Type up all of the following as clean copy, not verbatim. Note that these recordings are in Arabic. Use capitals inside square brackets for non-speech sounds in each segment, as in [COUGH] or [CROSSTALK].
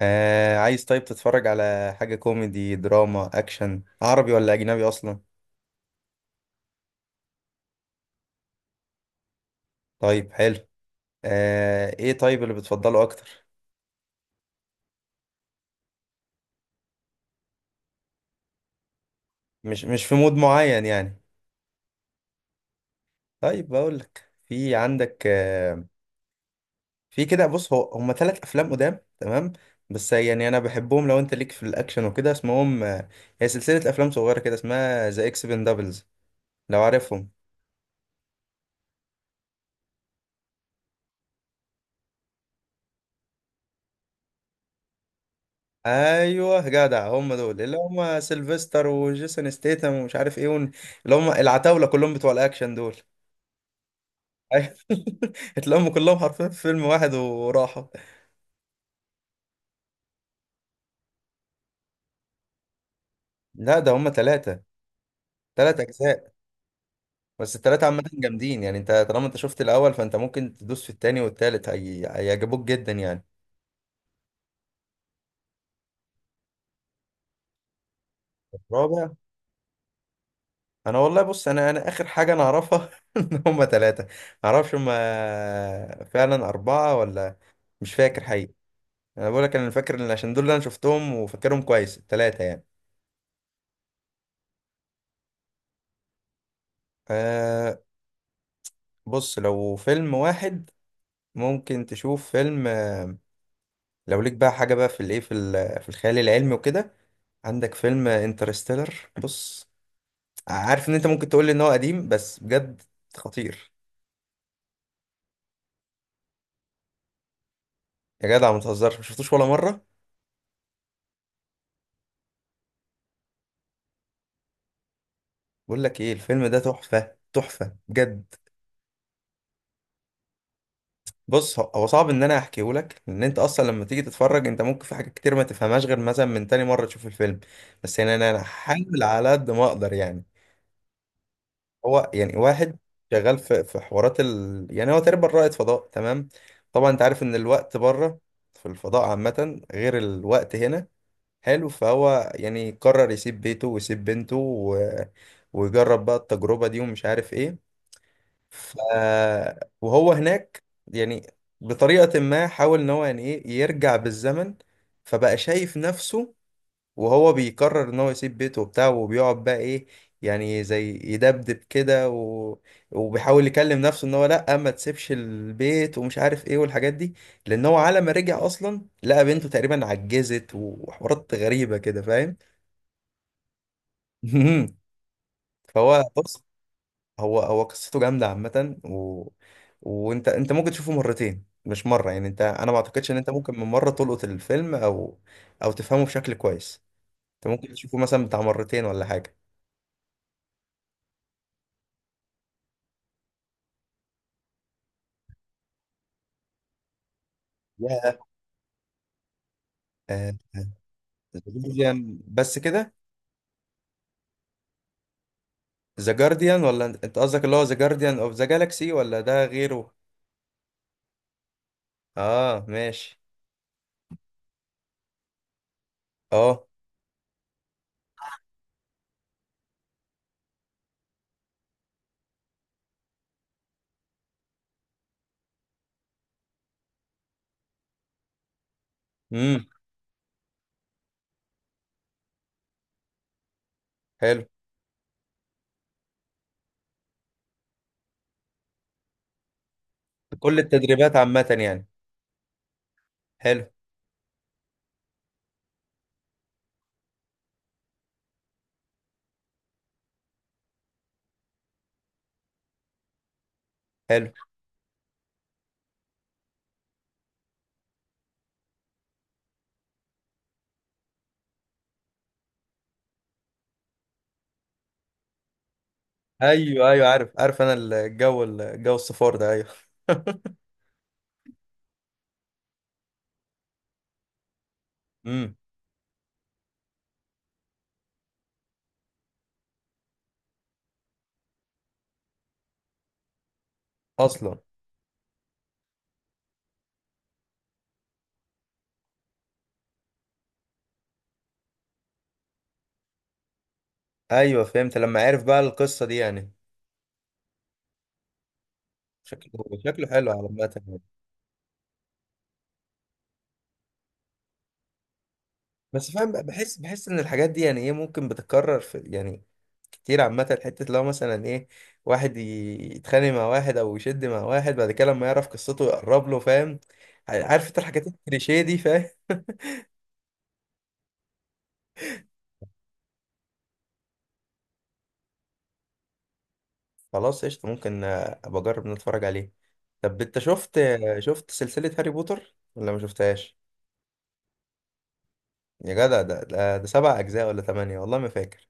آه، عايز؟ طيب، تتفرج على حاجة كوميدي، دراما، أكشن، عربي ولا أجنبي أصلا؟ طيب، حلو. آه، إيه طيب اللي بتفضله أكتر؟ مش في مود معين يعني؟ طيب، بقولك في عندك، في كده، بص، هو هما تلات أفلام قدام، تمام؟ بس يعني أنا بحبهم، لو أنت ليك في الأكشن وكده، اسمهم هي سلسلة أفلام صغيرة كده، اسمها ذا إكس بندبلز، لو عارفهم. ايوه جدع، هم دول، اللي هم سيلفستر وجيسون ستيتم ومش عارف ايه اللي هم العتاوله كلهم بتوع الاكشن دول. أيوة. [LAUGHS] اتلموا كلهم حرفيا في فيلم واحد وراحوا. لا، ده هم ثلاثه، ثلاث اجزاء. بس الثلاثه عامه جامدين يعني، انت طالما انت شفت الاول فانت ممكن تدوس في الثاني والثالث، هيعجبوك جدا يعني. الرابع؟ انا والله، بص، انا اخر حاجه انا اعرفها [LAUGHS] ان هم ثلاثه. ما اعرفش هم فعلا اربعه ولا، مش فاكر حقيقي. انا بقول لك، انا فاكر عشان دول اللي انا شفتهم وفاكرهم كويس التلاتة يعني. أه، بص، لو فيلم واحد، ممكن تشوف فيلم لو ليك بقى حاجة بقى في الايه في ال- في الخيال العلمي وكده، عندك فيلم انترستيلر. بص، عارف ان انت ممكن تقول لي ان هو قديم، بس بجد خطير. يا جدع، ما تهزرش، ما شفتوش ولا مرة؟ بقول لك ايه، الفيلم ده تحفة، تحفة بجد. بص، هو صعب ان انا احكيه لك، لان انت اصلا لما تيجي تتفرج انت ممكن في حاجات كتير ما تفهمهاش، غير مثلا من تاني مره تشوف الفيلم. بس يعني انا هحاول على قد ما اقدر يعني. هو يعني واحد شغال في حوارات يعني هو تقريبا رائد فضاء، تمام. طبعا انت عارف ان الوقت بره، في الفضاء عامه غير الوقت هنا، حلو. فهو يعني قرر يسيب بيته ويسيب بنته ويجرب بقى التجربه دي ومش عارف ايه. ف... وهو هناك يعني بطريقة ما حاول ان هو يعني ايه يرجع بالزمن، فبقى شايف نفسه وهو بيقرر ان هو يسيب بيته وبتاعه وبيقعد بقى ايه، يعني زي يدبدب كده وبيحاول يكلم نفسه ان هو لا ما تسيبش البيت ومش عارف ايه والحاجات دي، لان هو على ما رجع اصلا لقى بنته تقريبا عجزت، وحوارات غريبة كده، فاهم. [LAUGHS] فهو بص، هو قصته جامده عامه وانت انت ممكن تشوفه مرتين مش مره يعني، انت انا ما اعتقدش ان انت ممكن من مره تلقط الفيلم او تفهمه بشكل كويس. انت ممكن تشوفه مثلا بتاع مرتين ولا حاجه. ياه، ذا جارديان بس كده؟ ذا جارديان ولا انت قصدك اللي هو ذا جارديان اوف ذا جالاكسي ولا ده غيره؟ اه، ماشي. اه. امم. حلو. كل التدريبات عامه يعني. حلو. حلو. ايوه، ايوه، عارف، عارف، انا الجو الصفار ده، ايوه. [LAUGHS] امم. اصلا؟ ايوه، فهمت لما عرف بقى القصه دي يعني. شكله. شكله حلو على عامه يعني. بس فاهم بقى، بحس ان الحاجات دي يعني ايه ممكن بتتكرر في يعني كتير عامه، حته لو مثلا ايه واحد يتخانق مع واحد او يشد مع واحد، بعد كده لما يعرف قصته يقرب له، فاهم. عارف انت الحاجات الكليشيه دي، فاهم. [LAUGHS] خلاص قشطه، ممكن ابقى اجرب نتفرج عليه. طب انت شفت شفت سلسله هاري بوتر ولا ما شفتهاش؟ يا جدع، ده سبع اجزاء ولا ثمانيه، والله ما فاكر.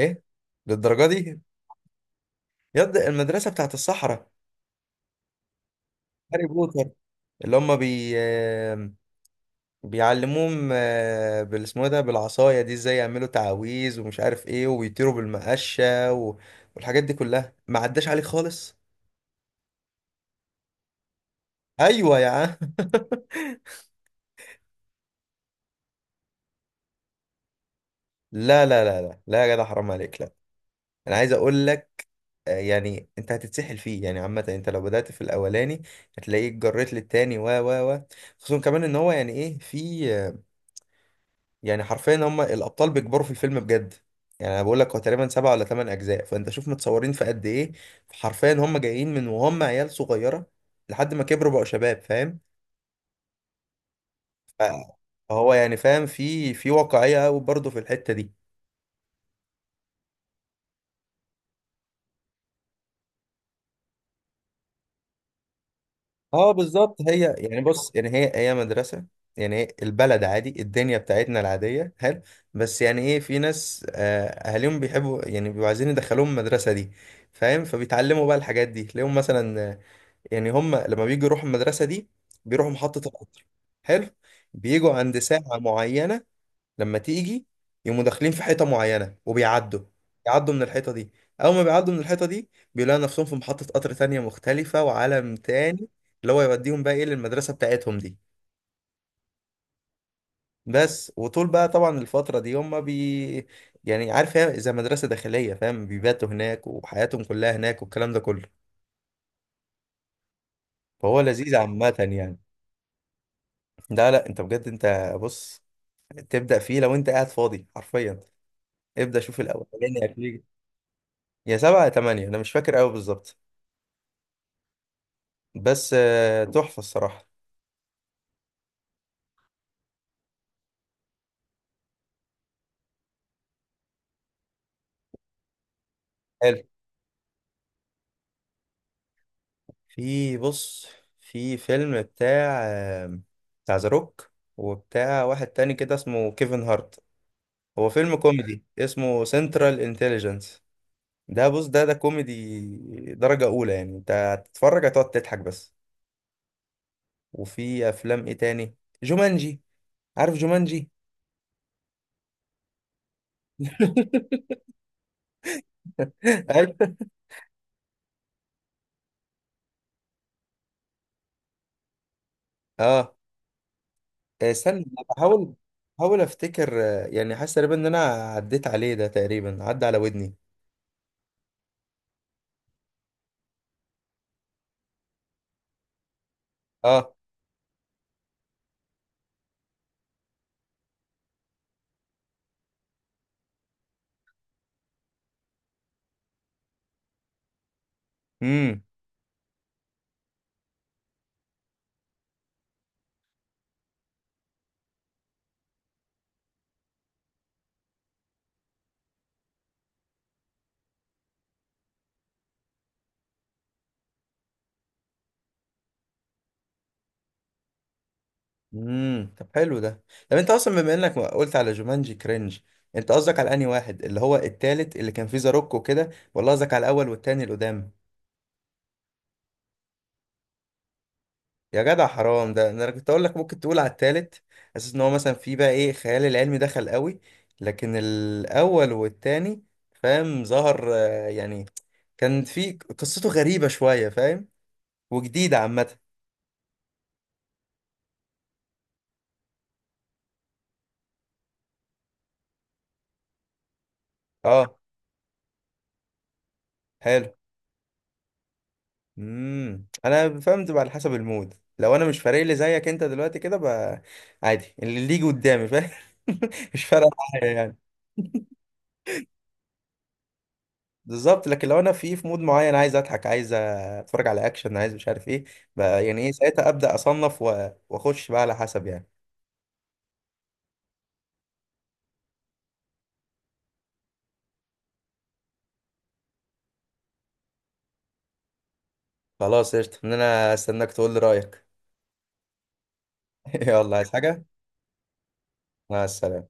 ايه، للدرجه دي؟ يد المدرسة بتاعت الصحراء. هاري بوتر، اللي هم بيعلموهم بال اسمه إيه ده بالعصاية دي ازاي يعملوا تعاويذ ومش عارف ايه، وبيطيروا بالمقشة والحاجات دي كلها، ما عداش عليك خالص. ايوه يا عم. [LAUGHS] لا لا لا لا لا، يا جدع، حرام عليك، لا. انا عايز اقول لك يعني انت هتتسحل فيه يعني، عامة انت لو بدأت في الاولاني هتلاقيك جريت للتاني و خصوصا كمان ان هو يعني ايه في، يعني حرفيا هم الابطال بيكبروا في الفيلم بجد. يعني انا بقول لك، هو تقريبا سبعة ولا ثمان اجزاء، فانت شوف متصورين في قد ايه. حرفيا هم جايين من وهم عيال صغيره لحد ما كبروا بقوا شباب، فاهم. ف- فهو يعني فاهم، في واقعيه قوي برضه في الحته دي. اه، بالظبط، هي يعني بص يعني هي مدرسه. يعني هي البلد عادي، الدنيا بتاعتنا العاديه، حلو. بس يعني ايه، في ناس اهاليهم بيحبوا، يعني بيبقوا عايزين يدخلوهم المدرسه دي، فاهم. فبيتعلموا بقى الحاجات دي، تلاقيهم مثلا يعني، هم لما بيجوا يروحوا المدرسة دي بيروحوا محطة القطر. حلو. بيجوا عند ساعة معينة، لما تيجي يقوموا داخلين في حيطة معينة وبيعدوا، بيعدوا من الحيطة دي. أول ما بيعدوا من الحيطة دي بيلاقوا نفسهم في محطة قطر تانية مختلفة، وعالم تاني، اللي هو يوديهم بقى إيه للمدرسة بتاعتهم دي. بس، وطول بقى طبعا الفترة دي هم، يعني عارف، هي زي مدرسة داخلية فاهم، بيباتوا هناك وحياتهم كلها هناك والكلام ده كله، فهو لذيذ عامة يعني. لا لا، انت بجد، انت بص، تبدأ فيه لو انت قاعد فاضي حرفيا، ابدأ شوف الاولاني. [LAUGHS] هتيجي. يا سبعة يا تمانية، انا مش فاكر قوي بالظبط، بس تحفة الصراحة. حلو، في بص، في فيلم بتاع بتاع ذا روك وبتاع واحد تاني كده اسمه كيفن هارت، هو فيلم كوميدي اسمه سنترال انتليجنس. ده بص، ده كوميدي درجة أولى يعني، انت هتتفرج هتقعد تضحك بس. وفي أفلام ايه تاني، جومانجي، عارف جومانجي؟ [LAUGHS] أيوة. اه، استنى، أنا بحاول، افتكر يعني حاسس تقريبا ان انا عديت عليه ده، تقريبا عدى على ودني. اه. امم. امم. طب حلو ده. طب انت اصلا بما انك قلت على جومانجي كرنج، انت قصدك على انهي واحد؟ اللي هو التالت اللي كان فيه زاروك وكده ولا قصدك على الاول والتاني اللي قدام؟ يا جدع حرام، ده انا كنت اقول لك ممكن تقول على التالت، اساس ان هو مثلا فيه بقى ايه خيال العلمي دخل قوي، لكن الاول والتاني، فاهم ظهر يعني، كان في قصته غريبة شوية فاهم، وجديدة عامة. اه، حلو، امم، انا فهمت، بقى على حسب المود لو انا مش فارق لي زيك انت دلوقتي كده بقى، عادي اللي يجي قدامي فاهم. [LAUGHS] مش فارقة معايا يعني. بالظبط، لكن لو انا في مود معين عايز اضحك، عايز اتفرج على اكشن، عايز مش عارف ايه، بقى يعني ايه ساعتها ابدا اصنف واخش بقى على حسب يعني. خلاص قشطة، ان انا استناك تقول لي رايك. [LAUGHS] يلا، عايز حاجة؟ مع السلامة.